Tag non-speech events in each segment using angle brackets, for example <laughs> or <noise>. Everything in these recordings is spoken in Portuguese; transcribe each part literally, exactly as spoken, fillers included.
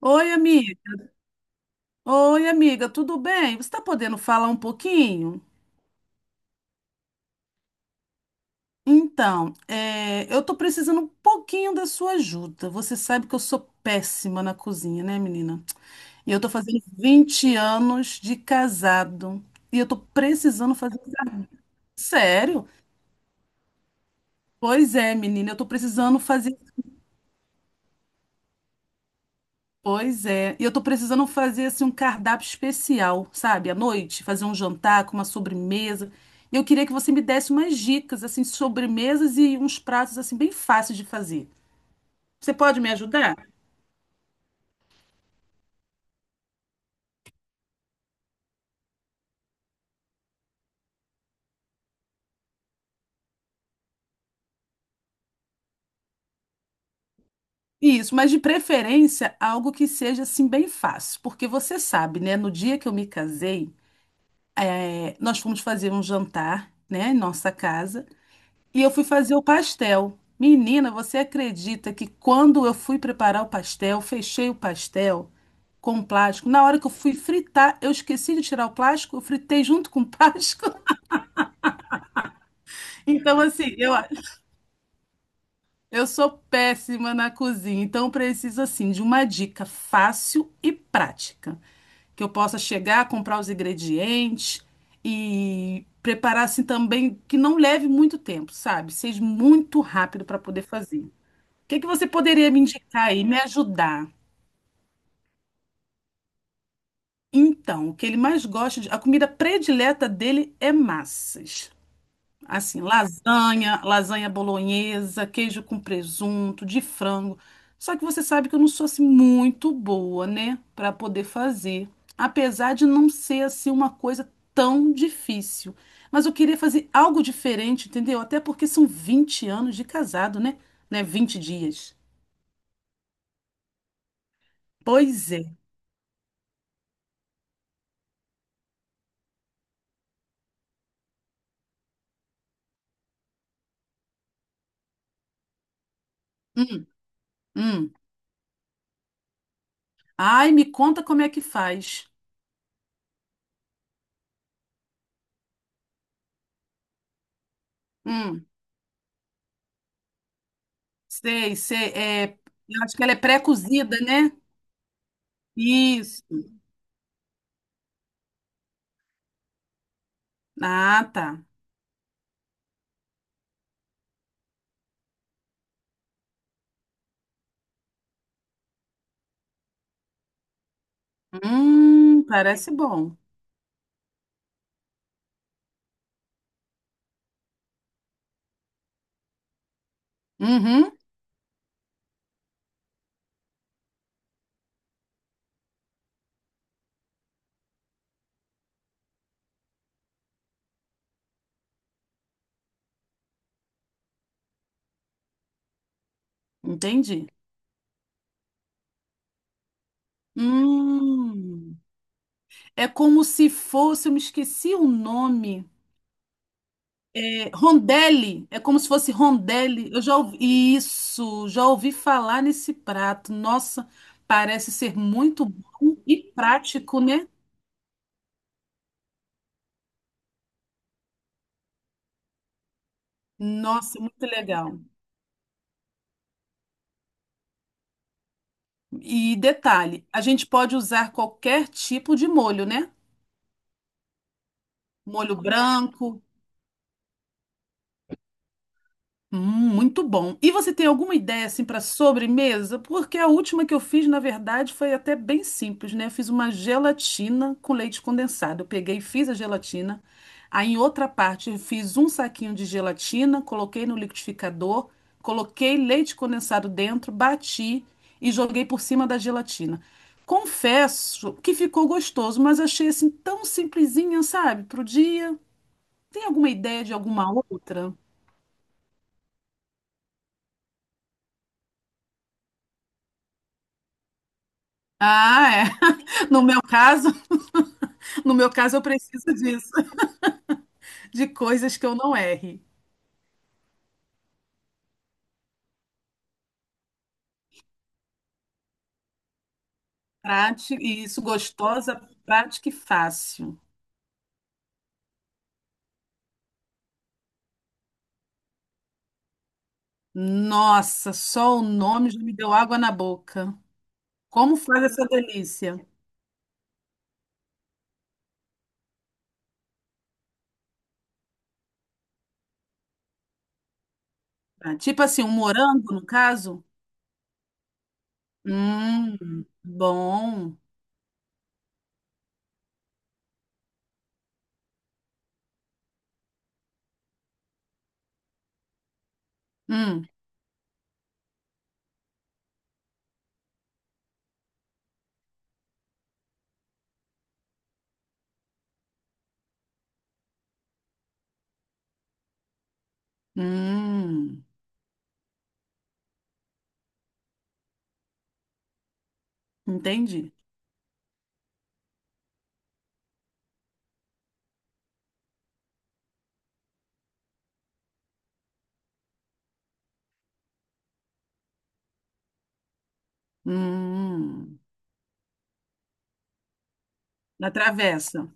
Oi, amiga. Oi, amiga, tudo bem? Você está podendo falar um pouquinho? Então, é, eu estou precisando um pouquinho da sua ajuda. Você sabe que eu sou péssima na cozinha, né, menina? E eu estou fazendo vinte anos de casado. E eu estou precisando fazer. Sério? Pois é, menina, eu estou precisando fazer. Pois é. E eu tô precisando fazer assim um cardápio especial, sabe? À noite, fazer um jantar com uma sobremesa. E eu queria que você me desse umas dicas assim, sobremesas e uns pratos assim bem fáceis de fazer. Você pode me ajudar? Isso, mas de preferência algo que seja assim bem fácil, porque você sabe, né? No dia que eu me casei, é, nós fomos fazer um jantar, né, em nossa casa. E eu fui fazer o pastel. Menina, você acredita que quando eu fui preparar o pastel, fechei o pastel com plástico. Na hora que eu fui fritar, eu esqueci de tirar o plástico, eu fritei junto com o plástico. <laughs> Então, assim, eu, eu sou péssima na cozinha. Então, eu preciso, assim, de uma dica fácil e prática. Que eu possa chegar, comprar os ingredientes e preparar, assim, também, que não leve muito tempo, sabe? Seja muito rápido para poder fazer. O que que você poderia me indicar aí, me ajudar? Então, o que ele mais gosta de, a comida predileta dele é massas. Assim, lasanha, lasanha bolonhesa, queijo com presunto, de frango. Só que você sabe que eu não sou assim muito boa, né, para poder fazer, apesar de não ser assim uma coisa tão difícil. Mas eu queria fazer algo diferente, entendeu? Até porque são vinte anos de casado, né? Né, vinte dias. Pois é. Hum, hum. Ai, me conta como é que faz. Hum, sei, sei. É, eu acho que ela é pré-cozida, né? Isso. Ah, tá. Hum, parece bom. Uhum, entendi. Hum, é como se fosse, eu me esqueci o nome. É, rondelli, é como se fosse rondelli. Eu já ouvi isso, já ouvi falar nesse prato. Nossa, parece ser muito bom e prático, né? Nossa, muito legal. E detalhe, a gente pode usar qualquer tipo de molho, né? Molho branco. Hum, muito bom. E você tem alguma ideia assim para sobremesa? Porque a última que eu fiz, na verdade, foi até bem simples, né? Eu fiz uma gelatina com leite condensado. Eu peguei, e fiz a gelatina. Aí em outra parte eu fiz um saquinho de gelatina, coloquei no liquidificador, coloquei leite condensado dentro, bati e joguei por cima da gelatina. Confesso que ficou gostoso, mas achei assim tão simplesinha, sabe? Pro dia. Tem alguma ideia de alguma outra? Ah, é. No meu caso, <laughs> no meu caso eu preciso disso, de coisas que eu não erre. Prática, e isso gostosa, prática e fácil. Nossa, só o nome já me deu água na boca. Como faz essa delícia? Ah, tipo assim, um morango, no caso? Hum, bom. Hum, hum, entendi. Hum, na travessa.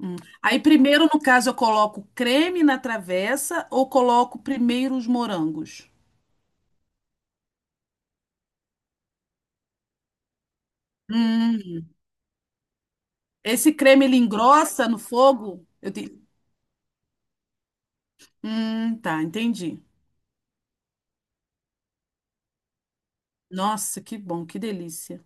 Hum. Aí primeiro, no caso, eu coloco creme na travessa ou coloco primeiro os morangos? Hum, esse creme ele engrossa no fogo? Eu te... Hum, tá, entendi. Nossa, que bom, que delícia.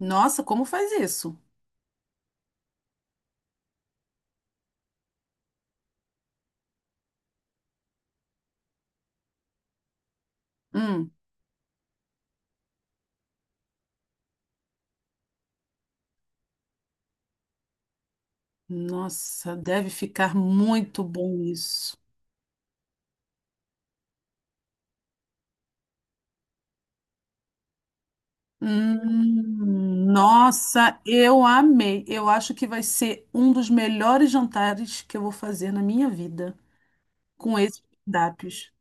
Nossa, como faz isso? Hum, nossa, deve ficar muito bom isso. Hum, nossa, eu amei. Eu acho que vai ser um dos melhores jantares que eu vou fazer na minha vida com esses cardápios.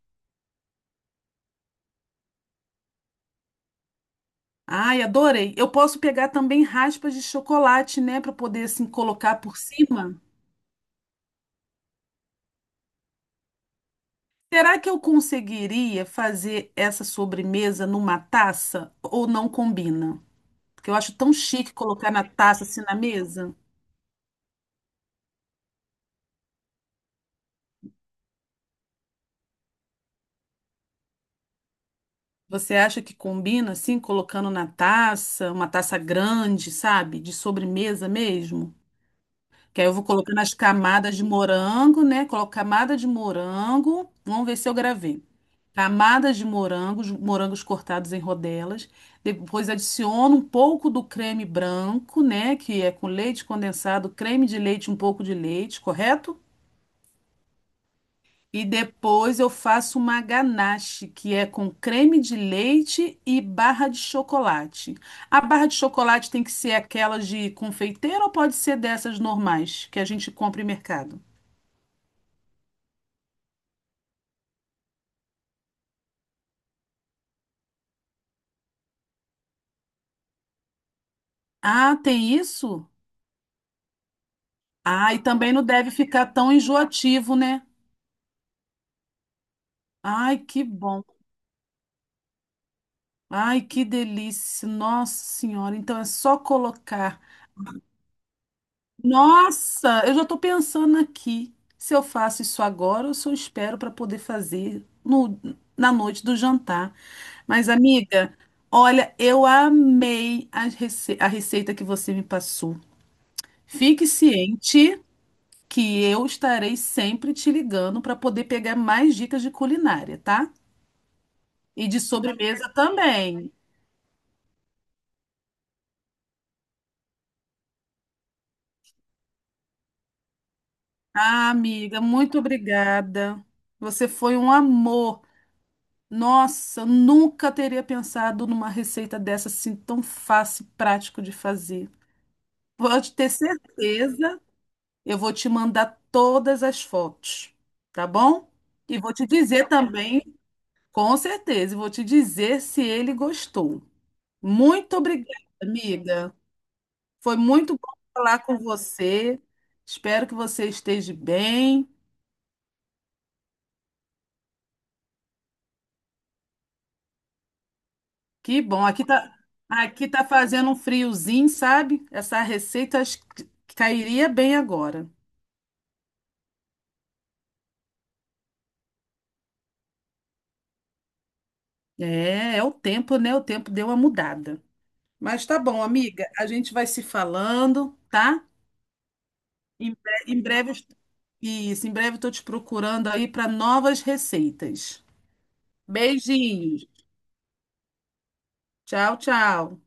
Ai, adorei. Eu posso pegar também raspas de chocolate, né, para poder assim colocar por cima. Será que eu conseguiria fazer essa sobremesa numa taça ou não combina? Porque eu acho tão chique colocar na taça assim na mesa. Você acha que combina assim, colocando na taça, uma taça grande, sabe? De sobremesa mesmo? Que aí eu vou colocando as camadas de morango, né? Coloco camada de morango. Vamos ver se eu gravei. Camadas de morangos, morangos cortados em rodelas. Depois adiciono um pouco do creme branco, né? Que é com leite condensado, creme de leite, um pouco de leite, correto? E depois eu faço uma ganache, que é com creme de leite e barra de chocolate. A barra de chocolate tem que ser aquelas de confeiteiro ou pode ser dessas normais que a gente compra em mercado? Ah, tem isso? Ah, e também não deve ficar tão enjoativo, né? Ai, que bom. Ai, que delícia. Nossa Senhora, então é só colocar. Nossa, eu já estou pensando aqui se eu faço isso agora ou se eu espero para poder fazer no, na noite do jantar. Mas, amiga, olha, eu amei a, rece- a receita que você me passou. Fique ciente que eu estarei sempre te ligando para poder pegar mais dicas de culinária, tá? E de sobremesa também. Ah, amiga, muito obrigada. Você foi um amor. Nossa, eu nunca teria pensado numa receita dessa assim tão fácil e prático de fazer. Pode ter certeza, eu vou te mandar todas as fotos, tá bom? E vou te dizer também, com certeza, e vou te dizer se ele gostou. Muito obrigada, amiga. Foi muito bom falar com você. Espero que você esteja bem. Que bom. Aqui tá, aqui tá fazendo um friozinho, sabe? Essa receita acho que cairia bem agora. É, é o tempo, né? O tempo deu uma mudada. Mas tá bom, amiga. A gente vai se falando, tá? Em, bre- em breve, eu est- isso, em breve eu tô te procurando aí para novas receitas. Beijinhos. Tchau, tchau.